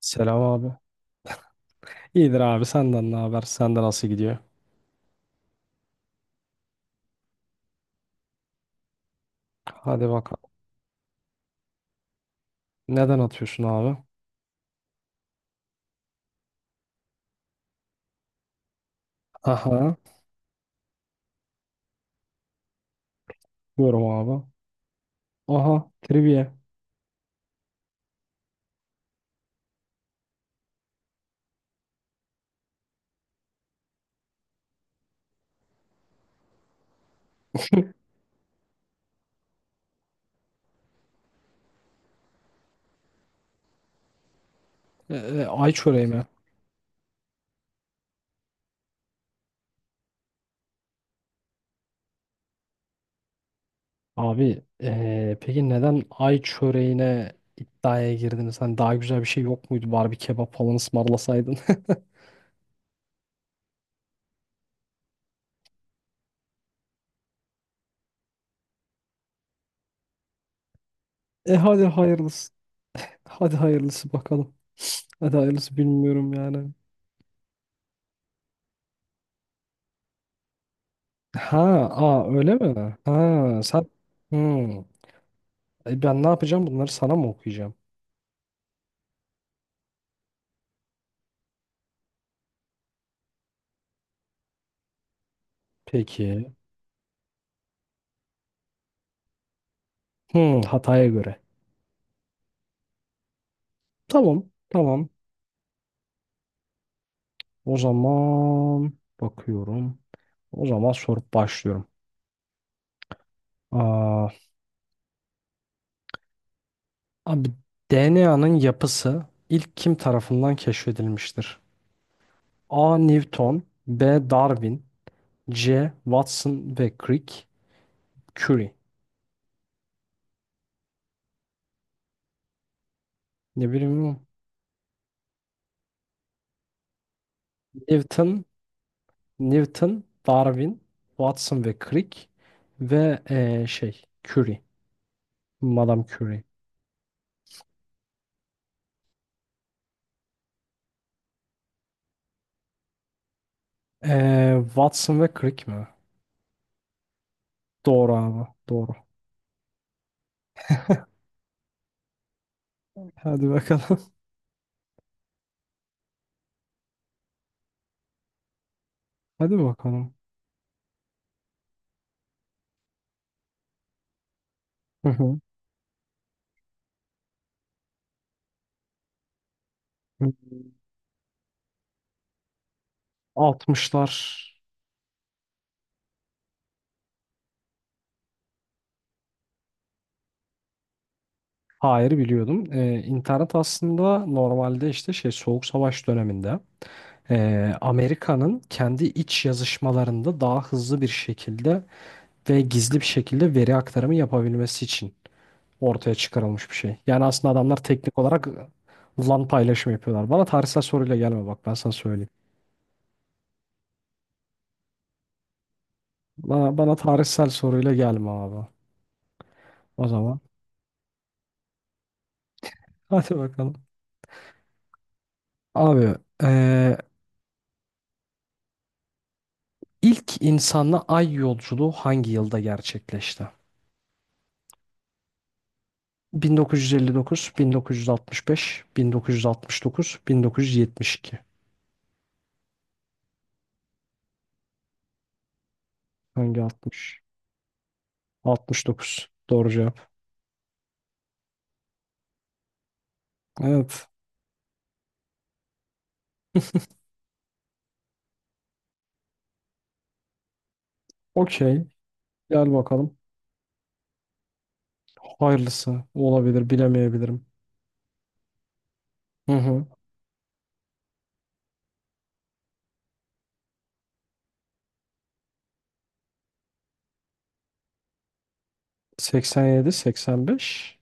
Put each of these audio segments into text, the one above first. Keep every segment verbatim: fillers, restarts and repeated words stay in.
Selam abi. İyidir abi, senden ne haber? Sende nasıl gidiyor? Hadi bakalım. Neden atıyorsun abi? Aha. Diyorum abi. Aha. Trivia. Ee, e, ay çöreği mi? Abi ee, peki neden ay çöreğine iddiaya girdiniz? Hani daha güzel bir şey yok muydu? Bari bir kebap falan ısmarlasaydın. E hadi hayırlısı. Hadi hayırlısı bakalım. Hadi hayırlısı bilmiyorum yani. Ha, aa öyle mi? Ha, sen hmm. E, ben ne yapacağım? Bunları sana mı okuyacağım? Peki. Hmm, Hatay'a göre. Tamam. Tamam. O zaman bakıyorum. O zaman sorup başlıyorum. Aa, abi D N A'nın yapısı ilk kim tarafından keşfedilmiştir? A. Newton, B. Darwin, C. Watson ve Crick, Curie. Ne bileyim, Newton, Newton, Darwin, Watson ve Crick ve eee, şey Curie. Madame Curie. Eee, Watson ve Crick mi? Doğru abi. Doğru. Hadi bakalım. Hadi bakalım. Hı hı. Hı. altmışlar. Hayır, biliyordum. Ee, internet aslında normalde işte şey Soğuk Savaş döneminde ee, Amerika'nın kendi iç yazışmalarında daha hızlı bir şekilde ve gizli bir şekilde veri aktarımı yapabilmesi için ortaya çıkarılmış bir şey. Yani aslında adamlar teknik olarak LAN paylaşımı yapıyorlar. Bana tarihsel soruyla gelme, bak ben sana söyleyeyim. Bana, bana tarihsel soruyla gelme abi. O zaman. Hadi bakalım. Abi eee, ilk insanla ay yolculuğu hangi yılda gerçekleşti? bin dokuz yüz elli dokuz, bin dokuz yüz altmış beş, bin dokuz yüz altmış dokuz, bin dokuz yüz yetmiş iki. Hangi altmış? altmış dokuz. Doğru cevap. Evet. Okey. Gel bakalım. Hayırlısı, olabilir, bilemeyebilirim. Hı hı. seksen yedi, seksen beş.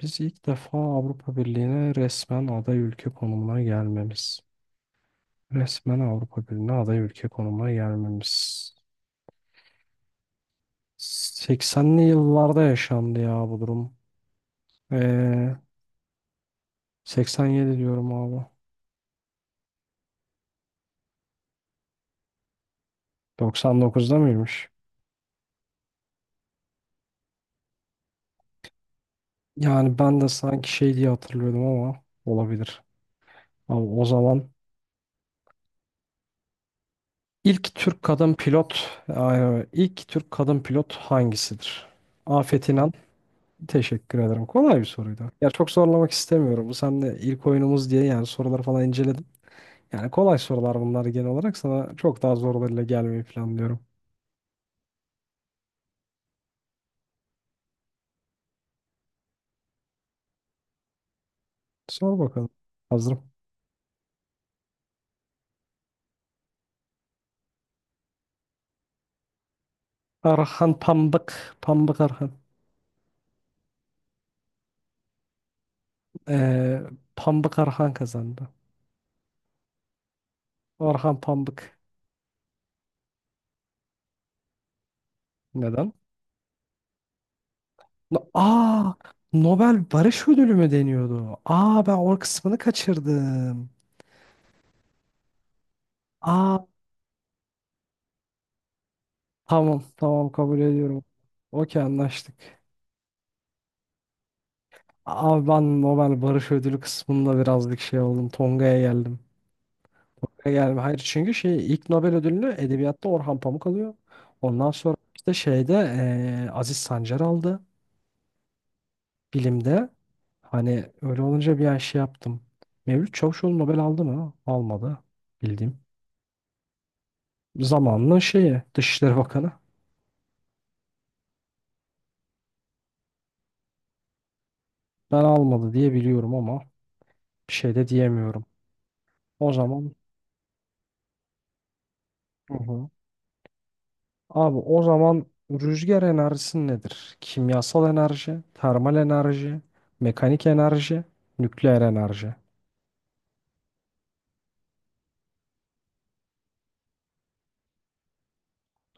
Biz ilk defa Avrupa Birliği'ne resmen aday ülke konumuna gelmemiz. Resmen Avrupa Birliği'ne aday ülke konumuna gelmemiz. seksenli yıllarda yaşandı ya bu durum. Ee, seksen yedi diyorum abi. doksan dokuzda mıymış? Yani ben de sanki şey diye hatırlıyordum ama olabilir. Abi o zaman ilk Türk kadın pilot, ay, ilk Türk kadın pilot hangisidir? Afet İnan. Teşekkür ederim. Kolay bir soruydu. Ya çok zorlamak istemiyorum. Bu seninle ilk oyunumuz diye yani soruları falan inceledim. Yani kolay sorular bunlar genel olarak. Sana çok daha zorlarıyla gelmeyi planlıyorum. Sor bakalım. Hazırım. Arhan Pambık. Pambık Arhan. Ee, Pambık Arhan kazandı. Orhan Pambık. Neden? No- Aa, Nobel Barış Ödülü mü deniyordu? Aa, ben o kısmını kaçırdım. Aa, tamam tamam kabul ediyorum. Okey, anlaştık. Abi ben Nobel Barış Ödülü kısmında birazcık şey oldum. Tonga'ya geldim. Tonga'ya geldim. Hayır, çünkü şey ilk Nobel ödülünü edebiyatta Orhan Pamuk alıyor. Ondan sonra işte şeyde eee, Aziz Sancar aldı. Bilimde. Hani öyle olunca bir ay şey yaptım. Mevlüt Çavuşoğlu Nobel aldı mı? Almadı. Bildiğim. Zamanının şeyi Dışişleri Bakanı. Ben almadı diye biliyorum ama bir şey de diyemiyorum. O zaman hı hı. Abi o zaman rüzgar enerjisi nedir? Kimyasal enerji, termal enerji, mekanik enerji, nükleer enerji.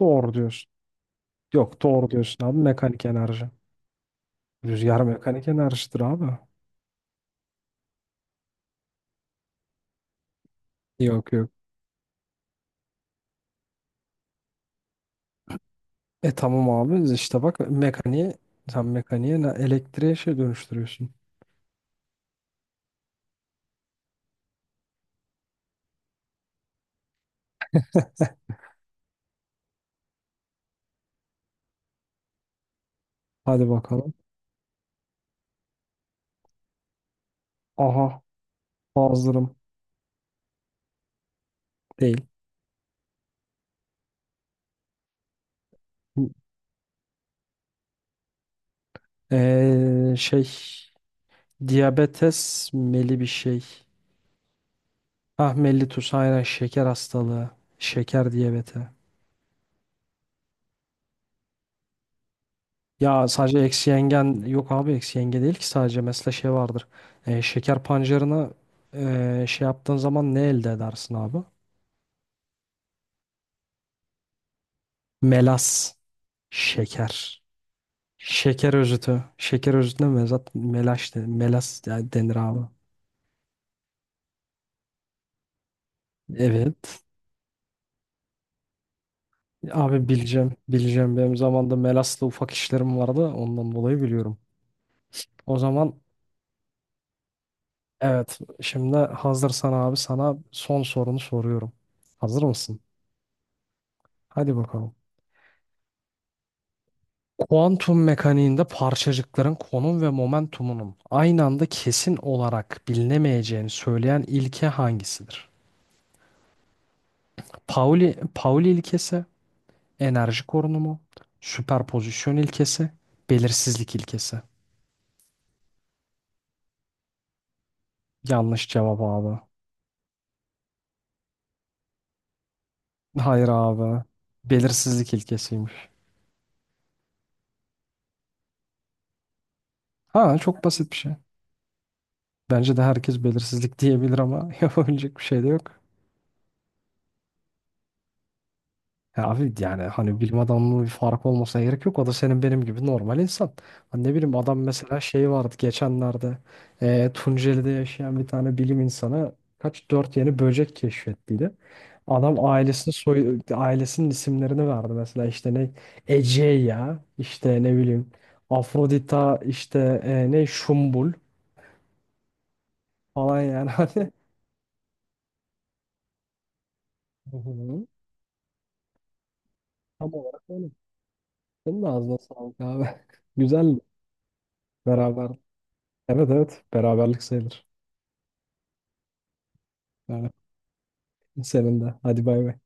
Doğru diyorsun. Yok, doğru diyorsun abi, mekanik enerji. Rüzgar mekanik enerjidir abi. Yok yok. E tamam abi, işte bak, mekaniğe sen, mekaniğe ne, elektriğe şey dönüştürüyorsun. Hadi bakalım. Aha, hazırım değil. Eee şey diyabetes meli bir şey. Ah, mellitus, aynen, şeker hastalığı. Şeker diyabeti. Ya sadece eksi yengen yok abi, eksi yenge değil ki sadece, mesela şey vardır. E, şeker pancarına e, şey yaptığın zaman ne elde edersin abi? Melas. Şeker. Şeker özütü. Şeker özütüne mezat melaş de, melas yani denir abi. Evet. Abi bileceğim. Bileceğim. Benim zamanında melasla ufak işlerim vardı. Ondan dolayı biliyorum. O zaman evet. Şimdi hazırsan abi sana son sorunu soruyorum. Hazır mısın? Hadi bakalım. Kuantum mekaniğinde parçacıkların konum ve momentumunun aynı anda kesin olarak bilinemeyeceğini söyleyen ilke hangisidir? Pauli, Pauli ilkesi, enerji korunumu, süperpozisyon ilkesi, belirsizlik ilkesi. Yanlış cevap abi. Hayır abi. Belirsizlik ilkesiymiş. Ha, çok basit bir şey. Bence de herkes belirsizlik diyebilir ama yapabilecek bir şey de yok. Ya abi, yani hani bilim adamının bir farkı olmasına gerek yok. O da senin benim gibi normal insan. Hani ne bileyim, adam mesela şey vardı geçenlerde eee Tunceli'de yaşayan bir tane bilim insanı kaç dört yeni böcek keşfettiydi. Adam ailesini, soy ailesinin isimlerini verdi, mesela işte ne Egeya, işte ne bileyim Afrodita, işte eee, ne Şumbul falan yani, hani hı hı. Tam olarak öyle. Senin de ağzına sağlık abi. Güzel, beraber. Evet evet, beraberlik sayılır. Yani senin de. Hadi bay bay.